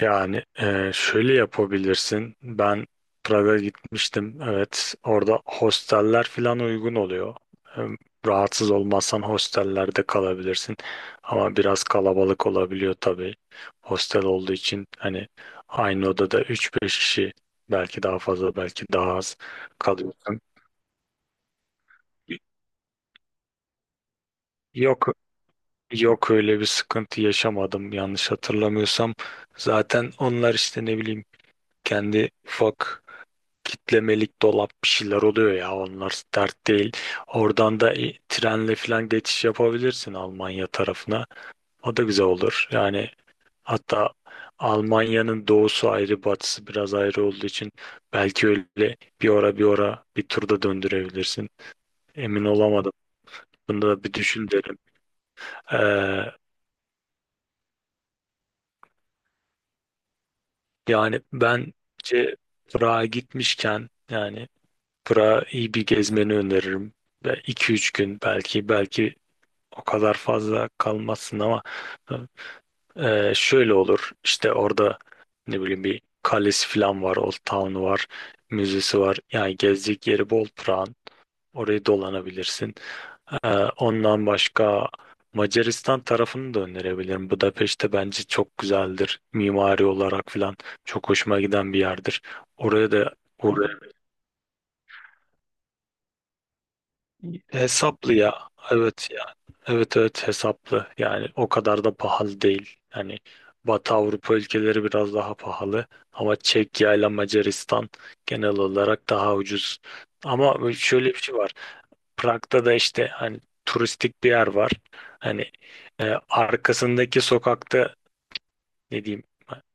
Şöyle yapabilirsin. Ben Prag'a gitmiştim. Evet, orada hosteller falan uygun oluyor. Hem rahatsız olmazsan hostellerde kalabilirsin. Ama biraz kalabalık olabiliyor tabii. Hostel olduğu için hani aynı odada üç beş kişi belki daha fazla belki daha az kalıyorsun. Yok yok, öyle bir sıkıntı yaşamadım yanlış hatırlamıyorsam. Zaten onlar işte ne bileyim kendi ufak kitlemelik dolap bir şeyler oluyor ya, onlar dert değil. Oradan da trenle falan geçiş yapabilirsin Almanya tarafına. O da güzel olur. Yani hatta Almanya'nın doğusu ayrı batısı biraz ayrı olduğu için belki öyle bir ora bir turda döndürebilirsin. Emin olamadım. Bunu da bir düşün derim. Ee, Yani bence Prag'a gitmişken yani Prag'a iyi bir gezmeni öneririm. Ve iki üç gün belki o kadar fazla kalmazsın ama şöyle olur işte orada ne bileyim bir kalesi falan var, Old Town'u var, müzesi var. Yani gezecek yeri bol Prag'ın, orayı dolanabilirsin. E, Ondan başka Macaristan tarafını da önerebilirim. Budapeşte bence çok güzeldir mimari olarak falan, çok hoşuma giden bir yerdir, oraya da uğra. Hesaplı ya. Evet ya. Evet, hesaplı. Yani o kadar da pahalı değil. Yani Batı Avrupa ülkeleri biraz daha pahalı ama Çekya ile Macaristan genel olarak daha ucuz. Ama şöyle bir şey var. Prag'da da işte hani turistik bir yer var. Hani arkasındaki sokakta ne diyeyim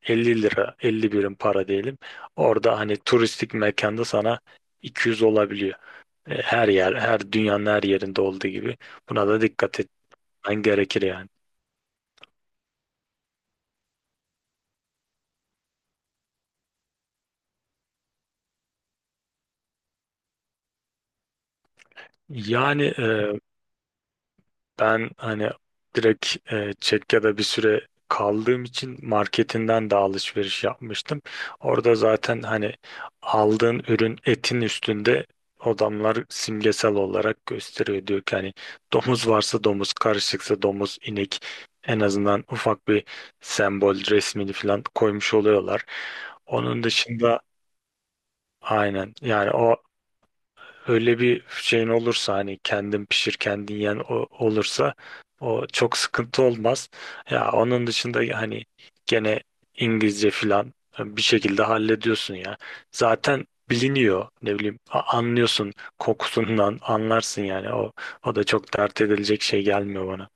50 lira, 50 birim para diyelim. Orada hani turistik mekanda sana 200 olabiliyor. Her yer, her dünyanın her yerinde olduğu gibi buna da dikkat etmen gerekir yani. Yani e, Ben hani direkt Çekya'da bir süre kaldığım için marketinden de alışveriş yapmıştım. Orada zaten hani aldığın ürün, etin üstünde adamlar simgesel olarak gösteriyor. Diyor ki hani domuz varsa domuz, karışıksa domuz, inek, en azından ufak bir sembol resmini falan koymuş oluyorlar. Onun dışında aynen yani. O, öyle bir şeyin olursa hani kendin pişir kendin yen, o olursa o çok sıkıntı olmaz. Ya onun dışında hani gene İngilizce filan bir şekilde hallediyorsun ya. Zaten biliniyor, ne bileyim, anlıyorsun, kokusundan anlarsın yani. O, o da çok dert edilecek şey gelmiyor bana.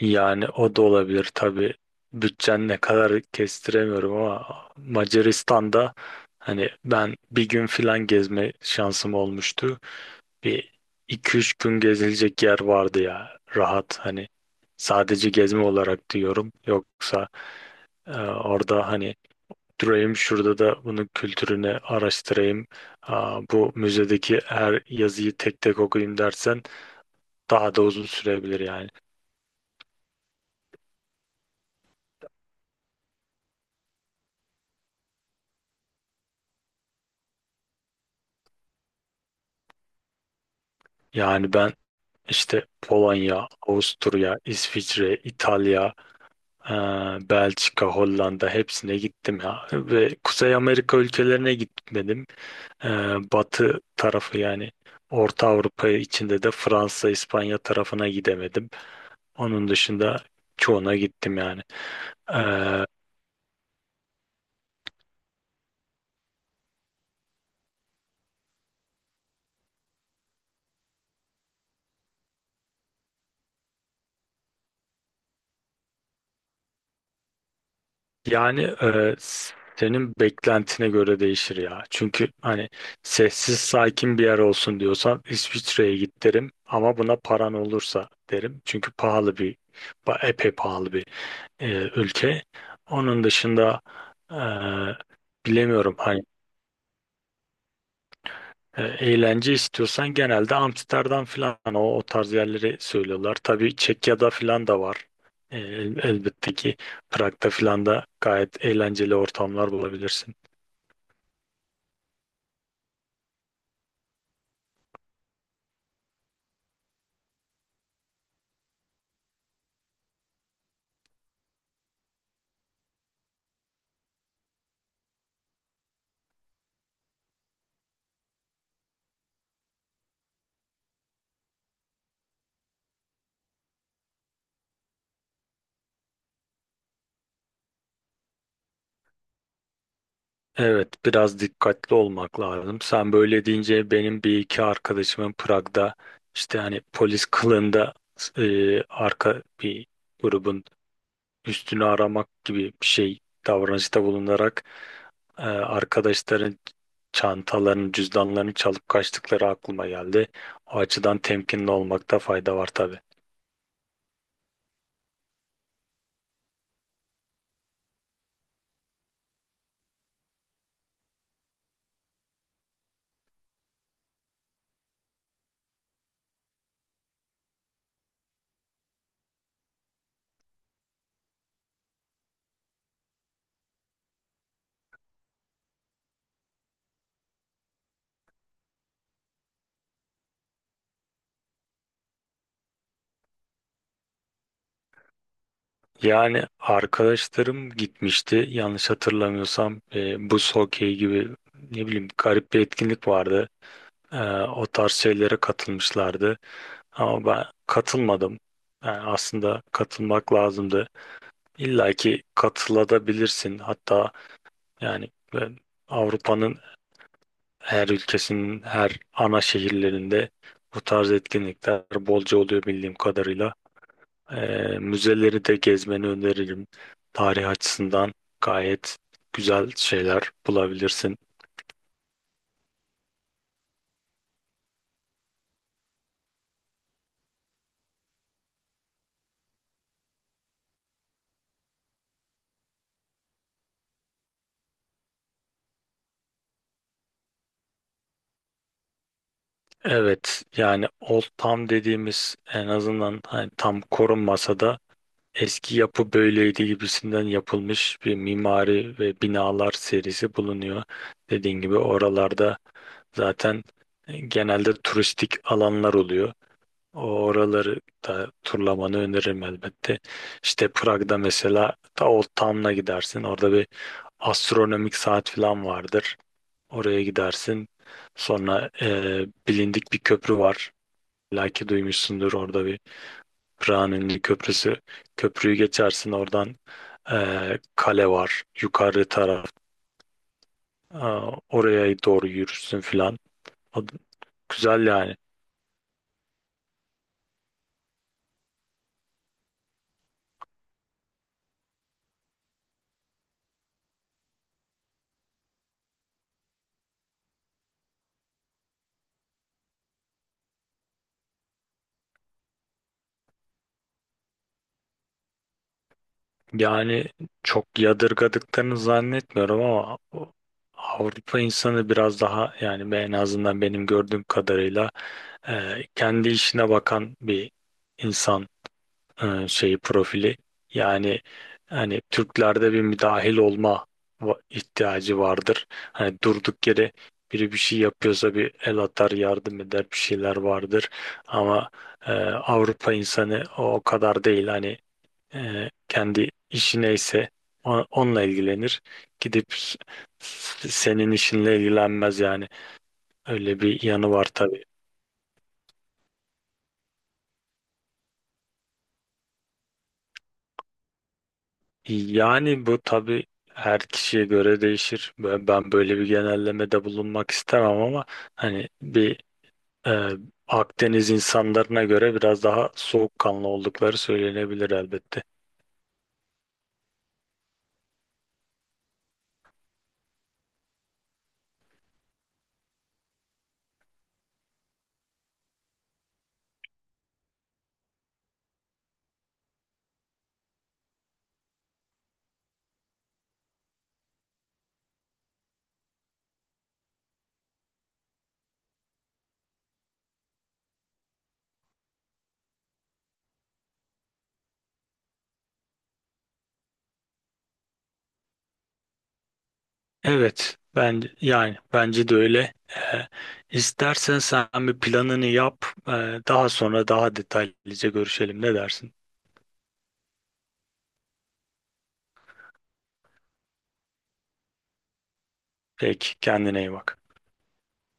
Yani o da olabilir tabii. Bütçen ne kadar kestiremiyorum ama Macaristan'da hani ben bir gün filan gezme şansım olmuştu. Bir iki üç gün gezilecek yer vardı ya, rahat hani sadece gezme olarak diyorum. Yoksa orada hani durayım şurada da bunun kültürünü araştırayım, aa, bu müzedeki her yazıyı tek tek okuyayım dersen daha da uzun sürebilir yani. Yani ben işte Polonya, Avusturya, İsviçre, İtalya, e, Belçika, Hollanda, hepsine gittim ya, ve Kuzey Amerika ülkelerine gitmedim. Ee, Batı tarafı yani Orta Avrupa içinde de Fransa, İspanya tarafına gidemedim. Onun dışında çoğuna gittim yani. Ee, yani e, Senin beklentine göre değişir ya. Çünkü hani sessiz sakin bir yer olsun diyorsan İsviçre'ye git derim. Ama buna paran olursa derim. Çünkü pahalı epey pahalı bir e, ülke. Onun dışında e, bilemiyorum. Hani eğlence istiyorsan genelde Amsterdam falan, o, o tarz yerleri söylüyorlar. Tabii Çekya'da falan da var. Elbette ki Prag'da falan da gayet eğlenceli ortamlar bulabilirsin. Evet, biraz dikkatli olmak lazım. Sen böyle deyince benim bir iki arkadaşımın Prag'da işte hani polis kılığında arka bir grubun üstünü aramak gibi bir şey davranışta bulunarak arkadaşların çantalarını, cüzdanlarını çalıp kaçtıkları aklıma geldi. O açıdan temkinli olmakta fayda var tabii. Yani arkadaşlarım gitmişti. Yanlış hatırlamıyorsam buz hokeyi gibi ne bileyim garip bir etkinlik vardı. Ee, O tarz şeylere katılmışlardı. Ama ben katılmadım. Yani aslında katılmak lazımdı. İlla ki katılabilirsin. Hatta yani ben Avrupa'nın her ülkesinin her ana şehirlerinde bu tarz etkinlikler bolca oluyor bildiğim kadarıyla. Müzeleri de gezmeni öneririm. Tarih açısından gayet güzel şeyler bulabilirsin. Evet, yani Old Town dediğimiz, en azından hani tam korunmasa da eski yapı böyleydi gibisinden yapılmış bir mimari ve binalar serisi bulunuyor. Dediğin gibi oralarda zaten genelde turistik alanlar oluyor. O oraları da turlamanı öneririm elbette. İşte Prag'da mesela ta Old Town'a gidersin. Orada bir astronomik saat falan vardır. Oraya gidersin. Sonra bilindik bir köprü var. Belki duymuşsundur, orada bir Prag'ın ünlü köprüsü. Köprüyü geçersin, oradan kale var. Yukarı taraf. Aa, oraya doğru yürürsün filan. O- Güzel yani. Yani çok yadırgadıklarını zannetmiyorum ama Avrupa insanı biraz daha, yani en azından benim gördüğüm kadarıyla kendi işine bakan bir insan, şeyi, profili. Yani hani Türklerde bir müdahil olma ihtiyacı vardır. Hani durduk yere biri bir şey yapıyorsa bir el atar, yardım eder, bir şeyler vardır. Ama Avrupa insanı o kadar değil. Hani kendi işi neyse onunla ilgilenir. Gidip s- Senin işinle ilgilenmez yani. Öyle bir yanı var tabii. Yani bu tabii her kişiye göre değişir. Ben böyle bir genellemede bulunmak istemem ama hani bir e, Akdeniz insanlarına göre biraz daha soğukkanlı oldukları söylenebilir elbette. Evet, ben yani bence de öyle. İstersen sen bir planını yap. Daha sonra daha detaylıca görüşelim. Ne dersin? Peki, kendine iyi bak.